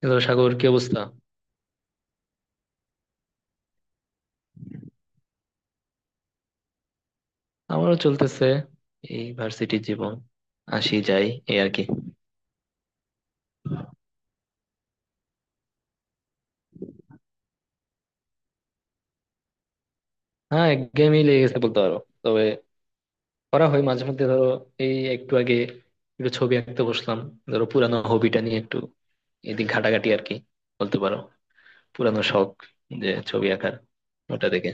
Hello, Sagar, কি অবস্থা? আমারও চলতেছে। এই ভার্সিটির জীবন, আসি যাই, এই আর কি। হ্যাঁ, একঘেয়েমি লেগে গেছে বলতে পারো। তবে করা হয় মাঝে মধ্যে, ধরো এই একটু আগে একটু ছবি আঁকতে বসলাম। ধরো পুরানো হবিটা নিয়ে একটু এদিক ঘাটাঘাটি আর কি, বলতে পারো পুরানো শখ, যে ছবি আঁকার, ওটা দেখে।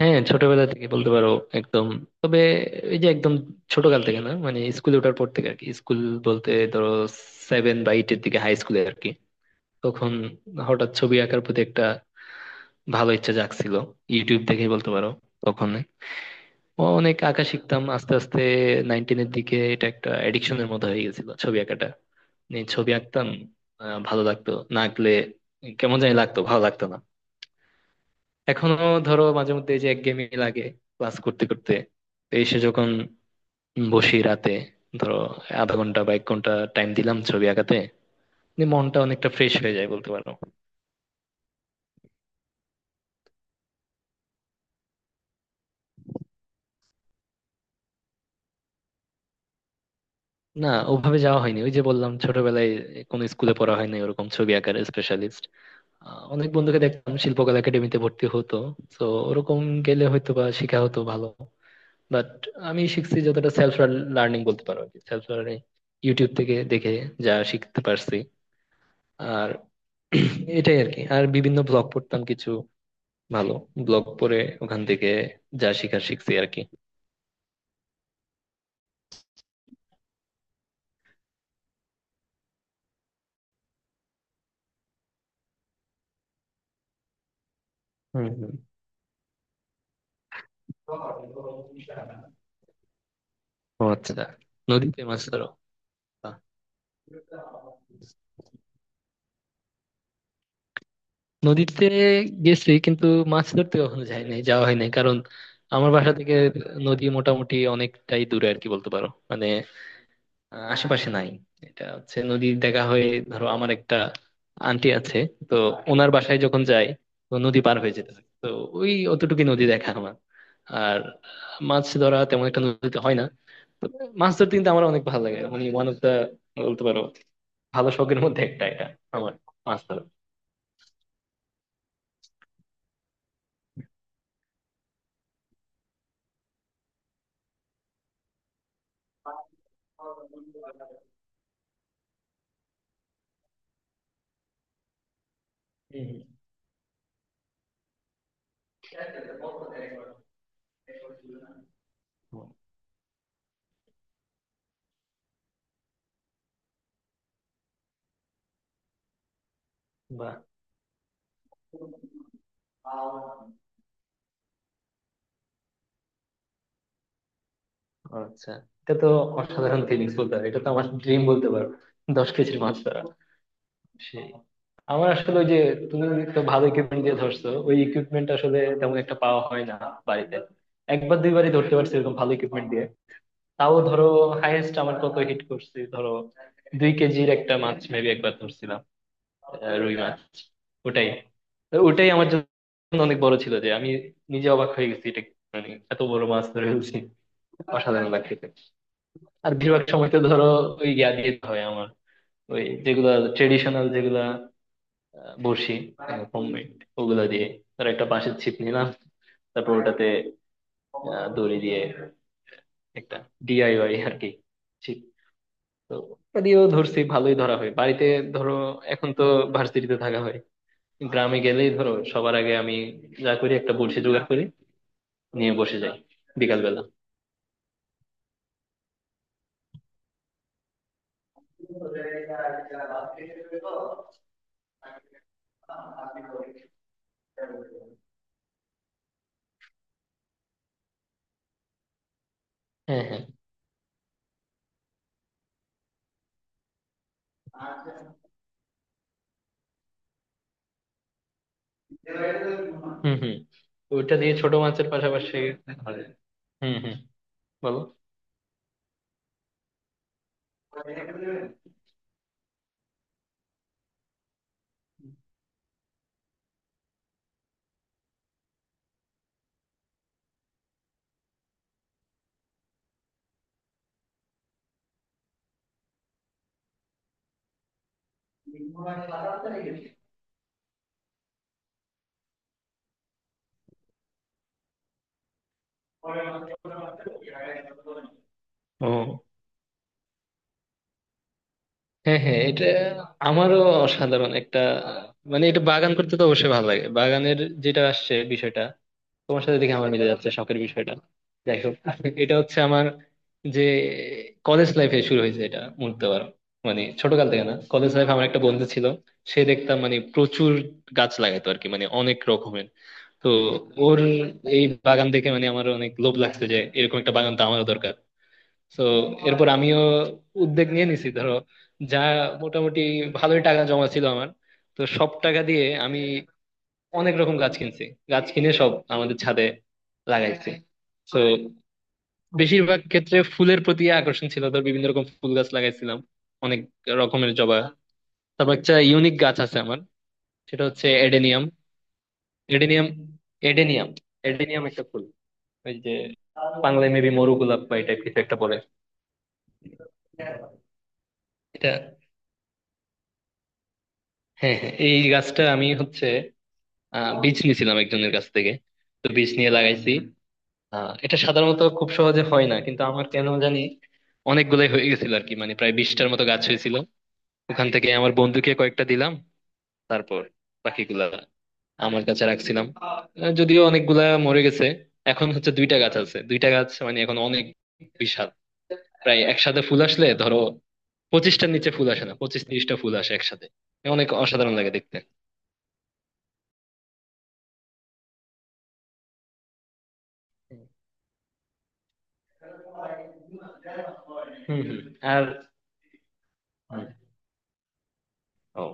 হ্যাঁ, ছোটবেলা থেকে বলতে পারো একদম। তবে এই যে একদম ছোটকাল থেকে না, মানে স্কুলে ওঠার পর থেকে আর কি। স্কুল বলতে ধরো সেভেন বা এইটের দিকে, হাই স্কুলে আর কি। তখন হঠাৎ ছবি আঁকার প্রতি একটা ভালো ইচ্ছা জাগছিল। ইউটিউব দেখে বলতে পারো, তখন অনেক আঁকা শিখতাম আস্তে আস্তে। নাইন টেনের দিকে এটা একটা এডিকশনের মতো হয়ে গেছিল ছবি আঁকাটা নিয়ে, ছবি আঁকতাম। ভালো লাগতো না আঁকলে, কেমন জানি লাগতো, ভালো লাগতো না। এখনো ধরো মাঝে মধ্যে এই যে একঘেয়েমি লাগে ক্লাস করতে করতে, তো এসে যখন বসি রাতে ধরো আধা ঘন্টা বা 1 ঘন্টা টাইম দিলাম ছবি আঁকাতে নিয়ে, মনটা অনেকটা ফ্রেশ হয়ে যায় বলতে পারো। না, ওভাবে যাওয়া হয়নি, ওই যে বললাম ছোটবেলায় কোনো স্কুলে পড়া হয়নি ওরকম, ছবি আঁকার স্পেশালিস্ট। অনেক বন্ধুকে দেখতাম শিল্পকলা একাডেমিতে ভর্তি হতো, তো ওরকম গেলে হয়তো বা শেখা হতো ভালো। বাট আমি শিখছি যতটা সেলফ লার্নিং বলতে পারো, সেলফ লার্নিং, ইউটিউব থেকে দেখে যা শিখতে পারছি আর এটাই আর কি। আর বিভিন্ন ব্লগ পড়তাম, কিছু ভালো ব্লগ পড়ে ওখান থেকে যা শিখার শিখছি আর কি। হম হম। ও আচ্ছা, নদীতে মাছ ধরো। নদীতে গেছি কিন্তু মাছ ধরতে কখনো যাই নাই, যাওয়া হয় নাই, কারণ আমার বাসা থেকে নদী মোটামুটি অনেকটাই দূরে আর কি, বলতে পারো মানে আশেপাশে নাই। এটা হচ্ছে নদী দেখা হয়ে, ধরো আমার একটা আন্টি আছে, তো ওনার বাসায় যখন যাই তো নদী পার হয়ে যেতে হয়, তো ওই অতটুকুই নদী দেখা আমার। আর মাছ ধরা তেমন একটা নদীতে হয় না, তো মাছ ধরতে কিন্তু আমার অনেক ভালো লাগে, মানে ওয়ান অফ দা, বলতে পারো ভালো শখের মধ্যে একটা এটা আমার, মাছ ধরা। হুম, হুম, হুম, বাহ। আচ্ছা, এটা তো অসাধারণ ফিলিংস বলতে পারো, এটা তো আমার ড্রিম বলতে পারো, 10 কেজির মাছ ধরা, সেই। আমার আসলে ওই যে, তুমি তো ভালো ইকুইপমেন্ট দিয়ে ধরছো, ওই ইকুইপমেন্ট আসলে তেমন একটা পাওয়া হয় না বাড়িতে। একবার দুইবারই ধরতে পারছি এরকম ভালো ইকুইপমেন্ট দিয়ে। তাও ধরো হাইয়েস্ট আমার কত হিট করছি, ধরো 2 কেজির একটা মাছ মেবি একবার ধরছিলাম, রুই মাছ, ওটাই। তো ওটাই আমার জন্য অনেক বড় ছিল যে আমি নিজে অবাক হয়ে গেছি এটা, মানে এত বড় মাছ ধরে ফেলছি, অসাধারণ লাগতেছে। আর বেশিরভাগ সময় তো ধরো ওই ইয়া দিয়ে হয় আমার, ওই যেগুলা ট্রেডিশনাল যেগুলা বড়শি, হোমমেড, ওগুলা দিয়ে। ধর একটা বাঁশের ছিপ নিলাম, তারপর ওটাতে দড়ি দিয়ে একটা ডিআইওয়াই আর কি ছিপ, তো ওটা দিয়েও ধরছি, ভালোই ধরা হয় বাড়িতে। ধরো এখন তো ভার্সিটিতে থাকা হয়, গ্রামে গেলেই ধরো সবার আগে আমি যা করি একটা বড়শি জোগাড় করি, নিয়ে বসে যাই বিকাল বেলা। হ্যাঁ হ্যাঁ। হুম হুম। ওইটা দিয়ে ছোট মাছের পাশাপাশি ধরে। হুম হুম, বলো। ও, হ্যাঁ হ্যাঁ, এটা আমারও অসাধারণ একটা, মানে এটা, বাগান করতে তো অবশ্যই ভালো লাগে। বাগানের যেটা আসছে বিষয়টা, তোমার সাথে দেখে আমার মিলে যাচ্ছে শখের বিষয়টা। যাই হোক, এটা হচ্ছে আমার যে কলেজ লাইফে শুরু হয়েছে এটা বলতে পারো, মানে ছোটকাল থেকে না। কলেজ লাইফে আমার একটা বন্ধু ছিল, সে দেখতাম মানে প্রচুর গাছ লাগাইতো আর কি, মানে অনেক রকমের। তো ওর এই বাগান দেখে মানে আমার অনেক লোভ লাগছে যে এরকম একটা বাগান তো আমারও দরকার। তো এরপর আমিও উদ্যোগ নিয়ে নিছি, ধরো যা মোটামুটি ভালোই টাকা জমা ছিল আমার, তো সব টাকা দিয়ে আমি অনেক রকম গাছ কিনছি, গাছ কিনে সব আমাদের ছাদে লাগাইছি। তো বেশিরভাগ ক্ষেত্রে ফুলের প্রতি আকর্ষণ ছিল, ধর বিভিন্ন রকম ফুল গাছ লাগাইছিলাম, অনেক রকমের জবা। তারপর একটা ইউনিক গাছ আছে আমার, সেটা হচ্ছে এডেনিয়াম। এডেনিয়াম, এডেনিয়াম, এডেনিয়াম একটা ফুল, ওই যে বাংলায় মেবি মরু গোলাপ বা এই টাইপ কিছু একটা পড়ে। এটা, হ্যাঁ হ্যাঁ, এই গাছটা আমি হচ্ছে বীজ নিয়েছিলাম একজনের কাছ থেকে, তো বীজ নিয়ে লাগাইছি। এটা সাধারণত খুব সহজে হয় না কিন্তু আমার কেন জানি অনেকগুলাই হয়ে গেছিল আর কি, মানে প্রায় 20টার মতো গাছ হয়েছিল। ওখান থেকে আমার বন্ধুকে কয়েকটা দিলাম, তারপর বাকিগুলা আমার কাছে রাখছিলাম। যদিও অনেকগুলা মরে গেছে, এখন হচ্ছে দুইটা গাছ আছে। দুইটা গাছ মানে এখন অনেক বিশাল, প্রায় একসাথে ফুল আসলে ধরো 25টার নিচে ফুল আসে না, 25-30টা ফুল আসে একসাথে, অনেক অসাধারণ লাগে দেখতে। হম হম। আর হুম, ও।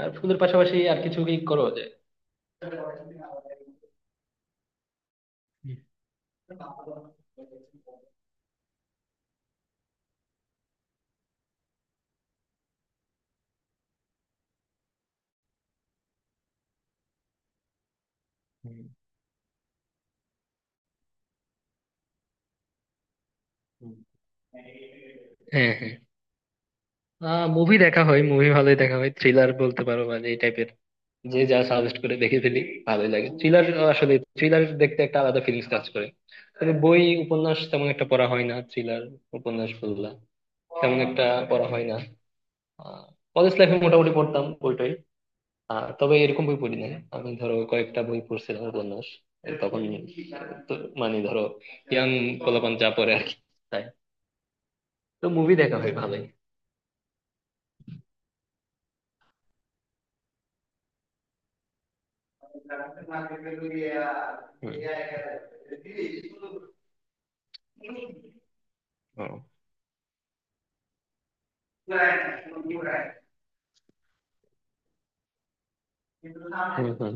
আর ফুলের পাশাপাশি আর কিছু কি করো যে? হুম। হুম, হুম। হ্যাঁ, হ্যাঁ, মুভি দেখা হয়, মুভি ভালোই দেখা হয়, থ্রিলার বলতে পারো মানে এই টাইপের, যে যা সাজেস্ট করে দেখে ফেলি, ভালোই লাগে থ্রিলার। আসলে থ্রিলার দেখতে একটা আলাদা ফিলিংস কাজ করে। তবে বই উপন্যাস তেমন একটা পড়া হয় না, থ্রিলার উপন্যাস বললা তেমন একটা পড়া হয় না। কলেজ লাইফে মোটামুটি পড়তাম বইটাই, তবে এরকম বই পড়ি না। আমি ধরো কয়েকটা বই পড়ছিলাম উপন্যাস তখন, মানে ধরো ইয়াং পোলাপান যা পড়ে আর কি, তাই। তো মুভি দেখা হয় ভালোই। হুম। ও। হুম হুম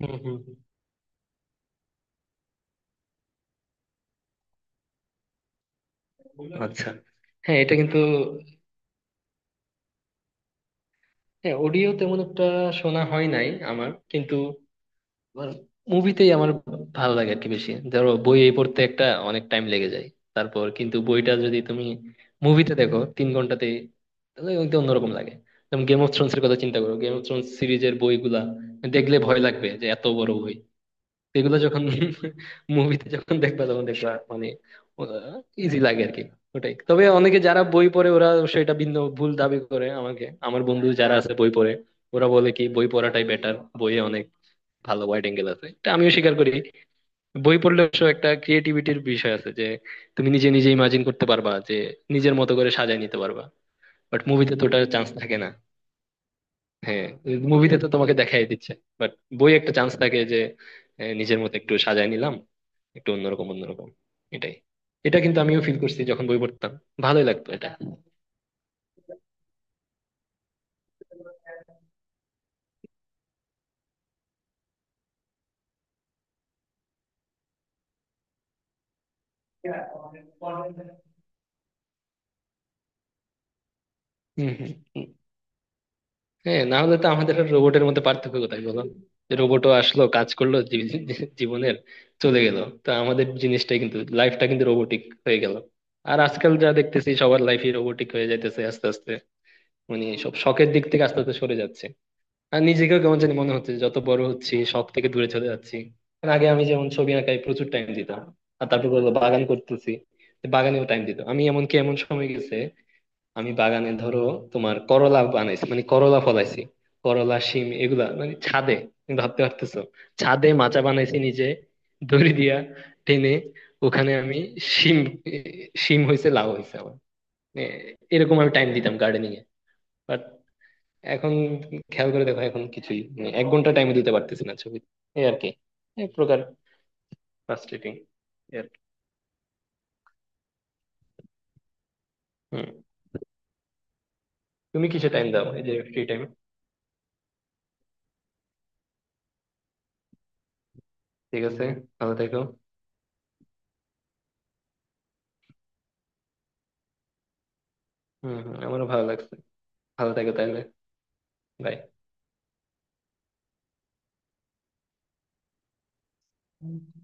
হুম হুম হুম। আচ্ছা, হ্যাঁ এটা কিন্তু, হ্যাঁ অডিও তেমন একটা শোনা হয় নাই আমার কিন্তু, মুভিতেই আমার ভালো লাগে আর কি বেশি। ধরো বই এই পড়তে একটা অনেক টাইম লেগে যায়, তারপর কিন্তু বইটা যদি তুমি মুভিতে দেখো 3 ঘন্টাতে, তাহলে একটু অন্যরকম লাগে। যেমন গেম অফ থ্রোনস এর কথা চিন্তা করো, গেম অফ থ্রোনস সিরিজের বইগুলা দেখলে ভয় লাগবে যে এত বড় বই, এগুলো যখন মুভিতে যখন দেখবা তখন দেখবা মানে ইজি লাগে আর কি, ওটাই। তবে অনেকে যারা বই পড়ে ওরা সেটা ভিন্ন ভুল দাবি করে আমাকে। আমার বন্ধু যারা আছে বই পড়ে ওরা বলে কি বই পড়াটাই বেটার, বইয়ে অনেক ভালো ওয়াইড অ্যাঙ্গেল আছে, এটা আমিও স্বীকার করি। বই পড়লে অবশ্য একটা ক্রিয়েটিভিটির বিষয় আছে যে তুমি নিজে নিজে ইমাজিন করতে পারবা, যে নিজের মতো করে সাজায় নিতে পারবা। বাট মুভিতে তো ওটার চান্স থাকে না। হ্যাঁ, মুভিতে তো তোমাকে দেখাই দিচ্ছে, বাট বই একটা চান্স থাকে যে এ, নিজের মতো একটু সাজায় নিলাম, একটু অন্যরকম অন্যরকম, এটাই। এটা কিন্তু আমিও ফিল করছি যখন বই পড়তাম, ভালোই লাগতো এটা। হম হম হম। হ্যাঁ, না হলে তো আমাদের রোবটের মধ্যে পার্থক্য কোথায় বলো, যে রোবটও আসলো কাজ করলো জী- জী- জীবনের চলে গেল। তো আমাদের জিনিসটাই কিন্তু লাইফটা কিন্তু রোবোটিক হয়ে গেল। আর আজকাল যা দেখতেছি সবার লাইফই রোবোটিক হয়ে যাইতেছে আস্তে আস্তে, মানে সব শখের দিক থেকে আস্তে আস্তে সরে যাচ্ছে। আর নিজেকেও কেমন জানি মনে হচ্ছে যে যত বড় হচ্ছি শখ থেকে দূরে চলে যাচ্ছি। কারণ আগে আমি যেমন ছবি আঁকায় প্রচুর টাইম দিতাম, আর তারপর বললো বাগান করতেছি, তো বাগানেও টাইম দিতাম আমি। এমনকি এমন সময় গেছে আমি বাগানে ধরো তোমার করলা বানাইছি, মানে করলা ফলাইছি, করলা শিম এগুলা মানে ছাদে। তুমি ভাবতে পারতেছো, ছাদে মাচা বানাইছি নিজে, দড়ি দিয়া টেনে, ওখানে আমি শিম, শিম হয়েছে, লাউ হয়েছে আমার। মানে এরকম আমি টাইম দিতাম গার্ডেনিং এ। এখন খেয়াল করে দেখো, এখন কিছুই মানে 1 ঘন্টা টাইমে দিতে পারতেছি না ছবি, এই আর কি, এক প্রকার ফ্রাস্ট্রেটিং। হুম। তুমি কিসে টাইম দাও এই যে ফ্রি টাইম? ঠিক আছে, ভালো থেকো। হুম হুম, আমারও ভালো লাগছে, ভালো থেকো তাহলে। Bye.